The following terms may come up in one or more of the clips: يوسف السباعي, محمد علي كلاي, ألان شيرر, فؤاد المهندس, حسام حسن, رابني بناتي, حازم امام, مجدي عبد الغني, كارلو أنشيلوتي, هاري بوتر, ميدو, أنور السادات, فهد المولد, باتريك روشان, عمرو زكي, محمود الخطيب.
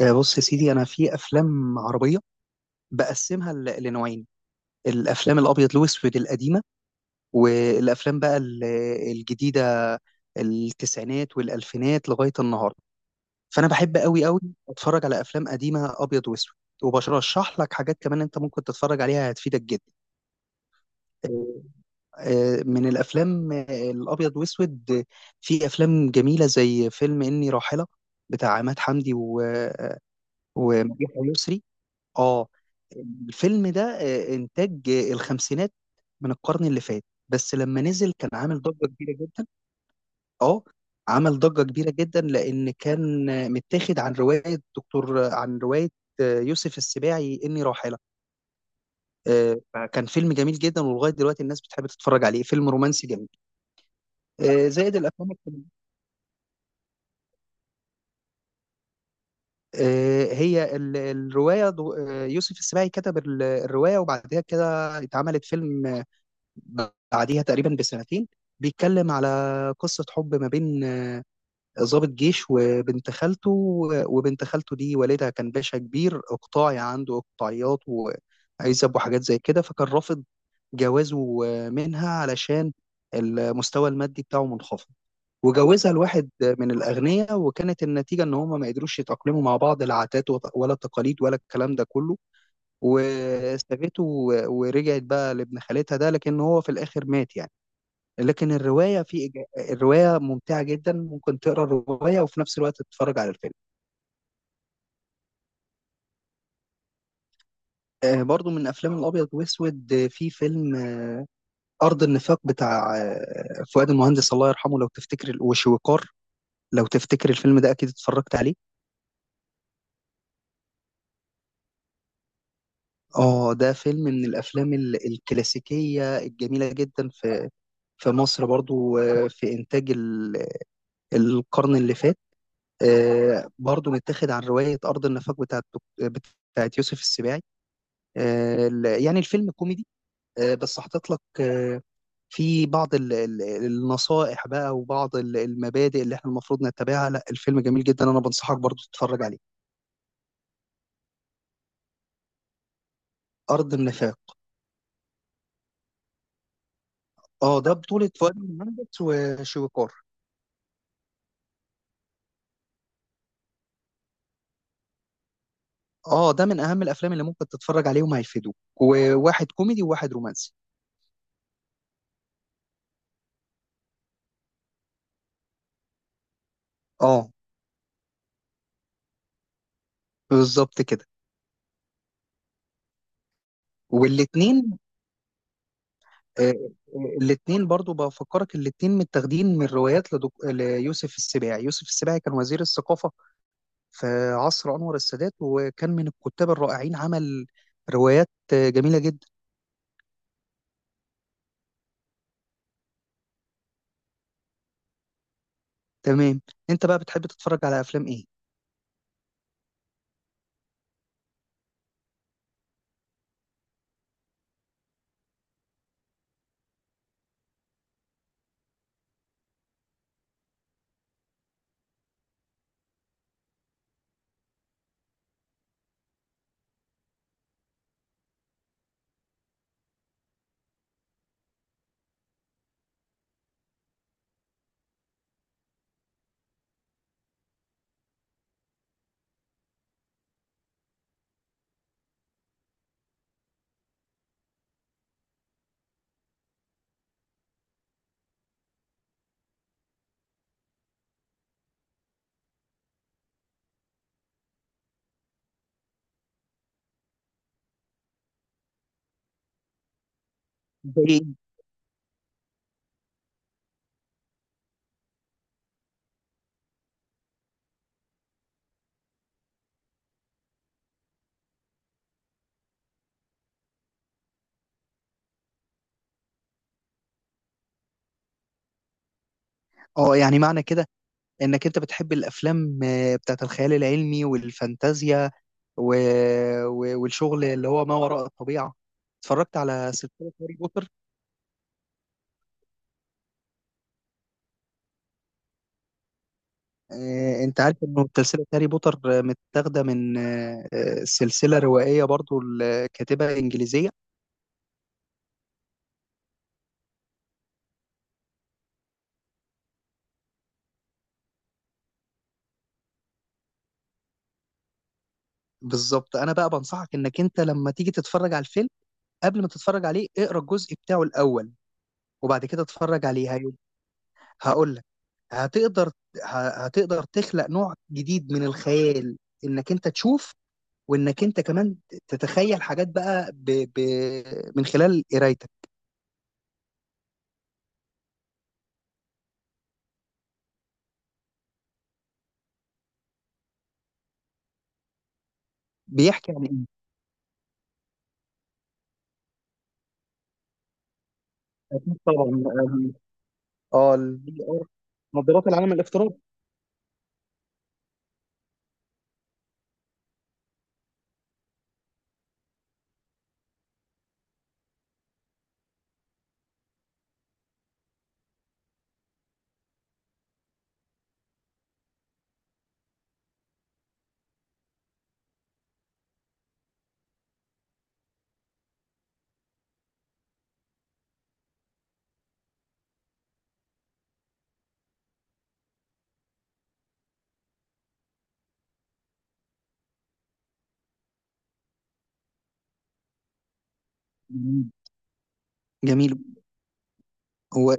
بص يا سيدي، انا في افلام عربيه بقسمها لنوعين: الافلام الابيض الاسود القديمه، والافلام بقى الجديده، التسعينات والالفينات لغايه النهارده. فانا بحب قوي قوي اتفرج على افلام قديمه ابيض واسود، وبرشح لك حاجات كمان انت ممكن تتفرج عليها هتفيدك جدا. آه، من الافلام الابيض واسود، في افلام جميله زي فيلم اني راحله، بتاع عماد حمدي ومديحه يسري. اه، الفيلم ده انتاج الخمسينات من القرن اللي فات، بس لما نزل كان عامل ضجة كبيرة جدا. اه، عمل ضجة كبيرة جدا لان كان متاخد عن رواية دكتور عن رواية يوسف السباعي، إني راحلة. فكان فيلم جميل جدا، ولغاية دلوقتي الناس بتحب تتفرج عليه، فيلم رومانسي جميل. زائد الأفلام الكوميدية. هي الرواية، يوسف السباعي كتب الرواية، وبعدها كده اتعملت فيلم بعديها تقريبا بسنتين. بيتكلم على قصة حب ما بين ضابط جيش وبنت خالته. وبنت خالته دي والدها كان باشا كبير اقطاعي، عنده اقطاعيات وعزب وحاجات زي كده، فكان رافض جوازه منها علشان المستوى المادي بتاعه منخفض. وجوزها لواحد من الأغنياء، وكانت النتيجة إن هما ما قدروش يتأقلموا مع بعض، لا عادات ولا تقاليد ولا الكلام ده كله. وسابته ورجعت بقى لابن خالتها ده، لكن هو في الآخر مات يعني. لكن الرواية الرواية ممتعة جدا، ممكن تقرا الرواية وفي نفس الوقت تتفرج على الفيلم. برضو من أفلام الأبيض وأسود، في فيلم أرض النفاق، بتاع فؤاد المهندس الله يرحمه، لو تفتكر، وشويكار. لو تفتكر الفيلم ده أكيد اتفرجت عليه. اه، ده فيلم من الافلام الكلاسيكيه الجميله جدا، في مصر برضو، في انتاج القرن اللي فات. برضو متاخد عن روايه ارض النفاق بتاعت يوسف السباعي. يعني الفيلم كوميدي، بس حاطط لك في بعض النصائح بقى، وبعض المبادئ اللي احنا المفروض نتبعها. لا، الفيلم جميل جدا، انا بنصحك برضو تتفرج عليه. أرض النفاق. اه، ده بطولة فؤاد المهندس وشويكار. اه، ده من اهم الافلام اللي ممكن تتفرج عليهم، هيفيدوك، وواحد كوميدي وواحد رومانسي. اه، بالظبط كده. والاتنين، آه، الاتنين برضو بفكرك، الاتنين متاخدين من روايات ليوسف السباعي. يوسف السباعي كان وزير الثقافة في عصر أنور السادات، وكان من الكتاب الرائعين، عمل روايات جميلة جدا. تمام. أنت بقى بتحب تتفرج على أفلام إيه؟ زي إيه؟ اه، يعني معنى كده انك انت بتحب الافلام بتاعت الخيال العلمي والفانتازيا، و... والشغل اللي هو ما وراء الطبيعة. اتفرجت على سلسلة هاري بوتر؟ انت عارف انه سلسلة هاري بوتر متاخدة من سلسلة روائية برضو لكاتبة انجليزية. بالظبط، انا بقى بنصحك انك انت لما تيجي تتفرج على الفيلم، قبل ما تتفرج عليه اقرا الجزء بتاعه الاول، وبعد كده اتفرج عليه. هقول لك. هتقدر، هتقدر تخلق نوع جديد من الخيال، انك انت تشوف، وانك انت كمان تتخيل حاجات بقى ب... من خلال قرايتك. بيحكي عن ايه؟ أكيد طبعا. اه، الفي ار، نظارات العالم الافتراضي. جميل. جميل. هو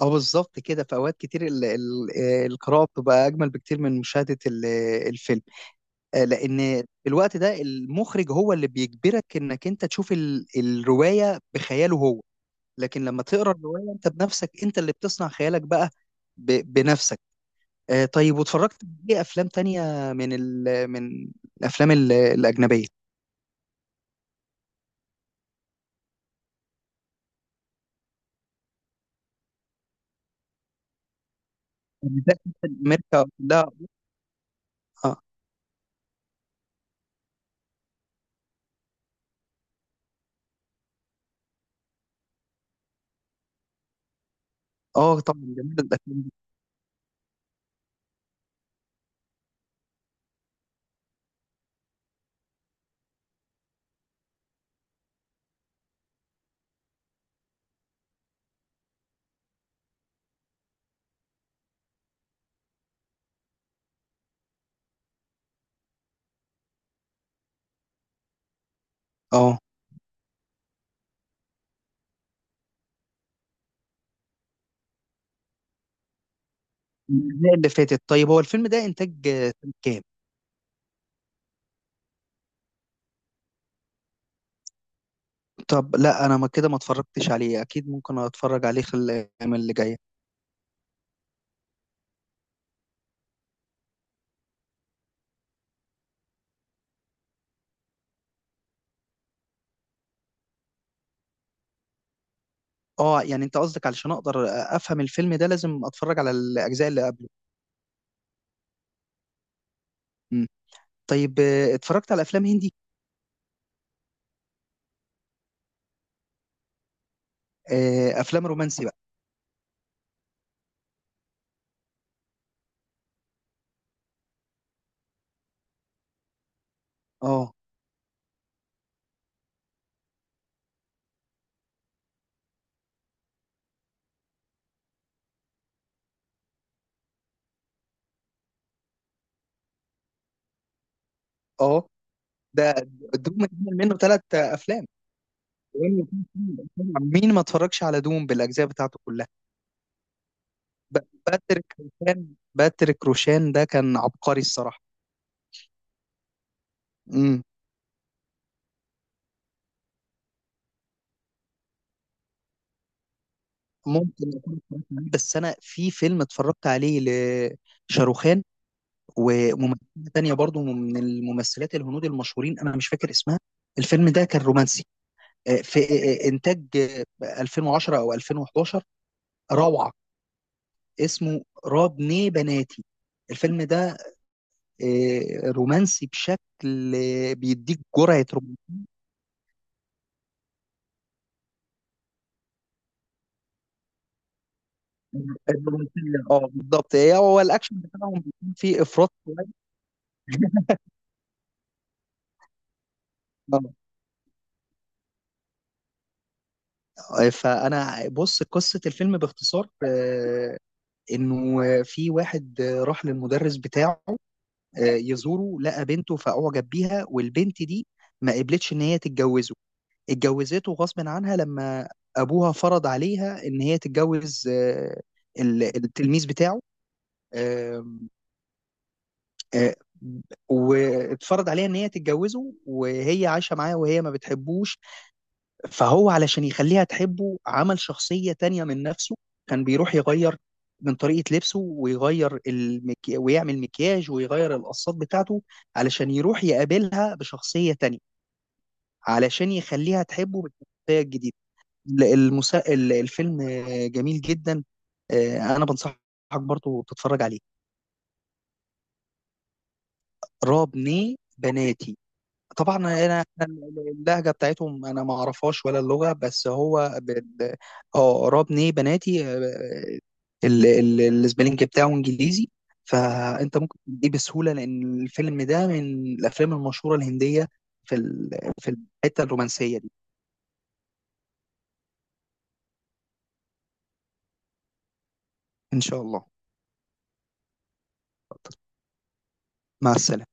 اه، بالظبط كده، في اوقات كتير ال... ال... آه، القراءه بتبقى اجمل بكتير من مشاهده الفيلم، لان في الوقت ده المخرج هو اللي بيجبرك انك انت تشوف الروايه بخياله هو. لكن لما تقرا الروايه انت بنفسك، انت اللي بتصنع خيالك بقى بنفسك. طيب، واتفرجت ايه افلام تانية، من الافلام الاجنبيه؟ بالذات. امريكا، لا. اه. طبعا، جميل الافلام دي. اه، الأجزاء اللي فاتت. طيب، هو الفيلم ده انتاج سنة كام؟ طب لا، انا ما كده ما اتفرجتش عليه، اكيد ممكن اتفرج عليه خلال الايام اللي جايه. اه، يعني انت قصدك علشان اقدر افهم الفيلم ده لازم اتفرج على الاجزاء اللي قبله. مم. طيب، اتفرجت على افلام هندي؟ افلام رومانسي بقى؟ اه. اه، ده دوم اتعمل منه ثلاث افلام. مين ما اتفرجش على دوم بالاجزاء بتاعته كلها. ب- باتريك روشان. باتريك روشان ده كان عبقري الصراحه. مم. ممكن أكون اتفرجت عليه، بس انا في فيلم اتفرجت عليه لشاروخان، وممثله تانية برضو من الممثلات الهنود المشهورين، انا مش فاكر اسمها. الفيلم ده كان رومانسي، في انتاج 2010 او 2011. روعه. اسمه راب ني بناتي. الفيلم ده رومانسي بشكل بيديك جرعه الرومانسيه. اه، بالظبط. هو الاكشن بتاعهم بيكون فيه افراط شوية. فانا بص، قصه الفيلم باختصار انه في واحد راح للمدرس بتاعه يزوره، لقى بنته فأعجب بيها، والبنت دي ما قبلتش إن هي تتجوزه. اتجوزته غصب عنها لما أبوها فرض عليها إن هي تتجوز التلميذ بتاعه. آم، آه، واتفرض عليها إن هي تتجوزه، وهي عايشة معاه وهي ما بتحبوش. فهو علشان يخليها تحبه عمل شخصية تانية من نفسه، كان بيروح يغير من طريقة لبسه، ويغير ويعمل مكياج، ويغير القصات بتاعته، علشان يروح يقابلها بشخصية تانية، علشان يخليها تحبه بالشخصية الجديدة. الفيلم جميل جدا. أنا بنصحك برضو تتفرج عليه. رابني بناتي. طبعا أنا اللهجه بتاعتهم انا ما اعرفهاش، ولا اللغه، بس هو اه، رابني بناتي. السبيلنج بتاعه انجليزي، فانت ممكن تجيب بسهوله، لان الفيلم ده من الافلام المشهوره الهنديه، في الحته الرومانسيه دي. ان شاء الله. مع السلامه.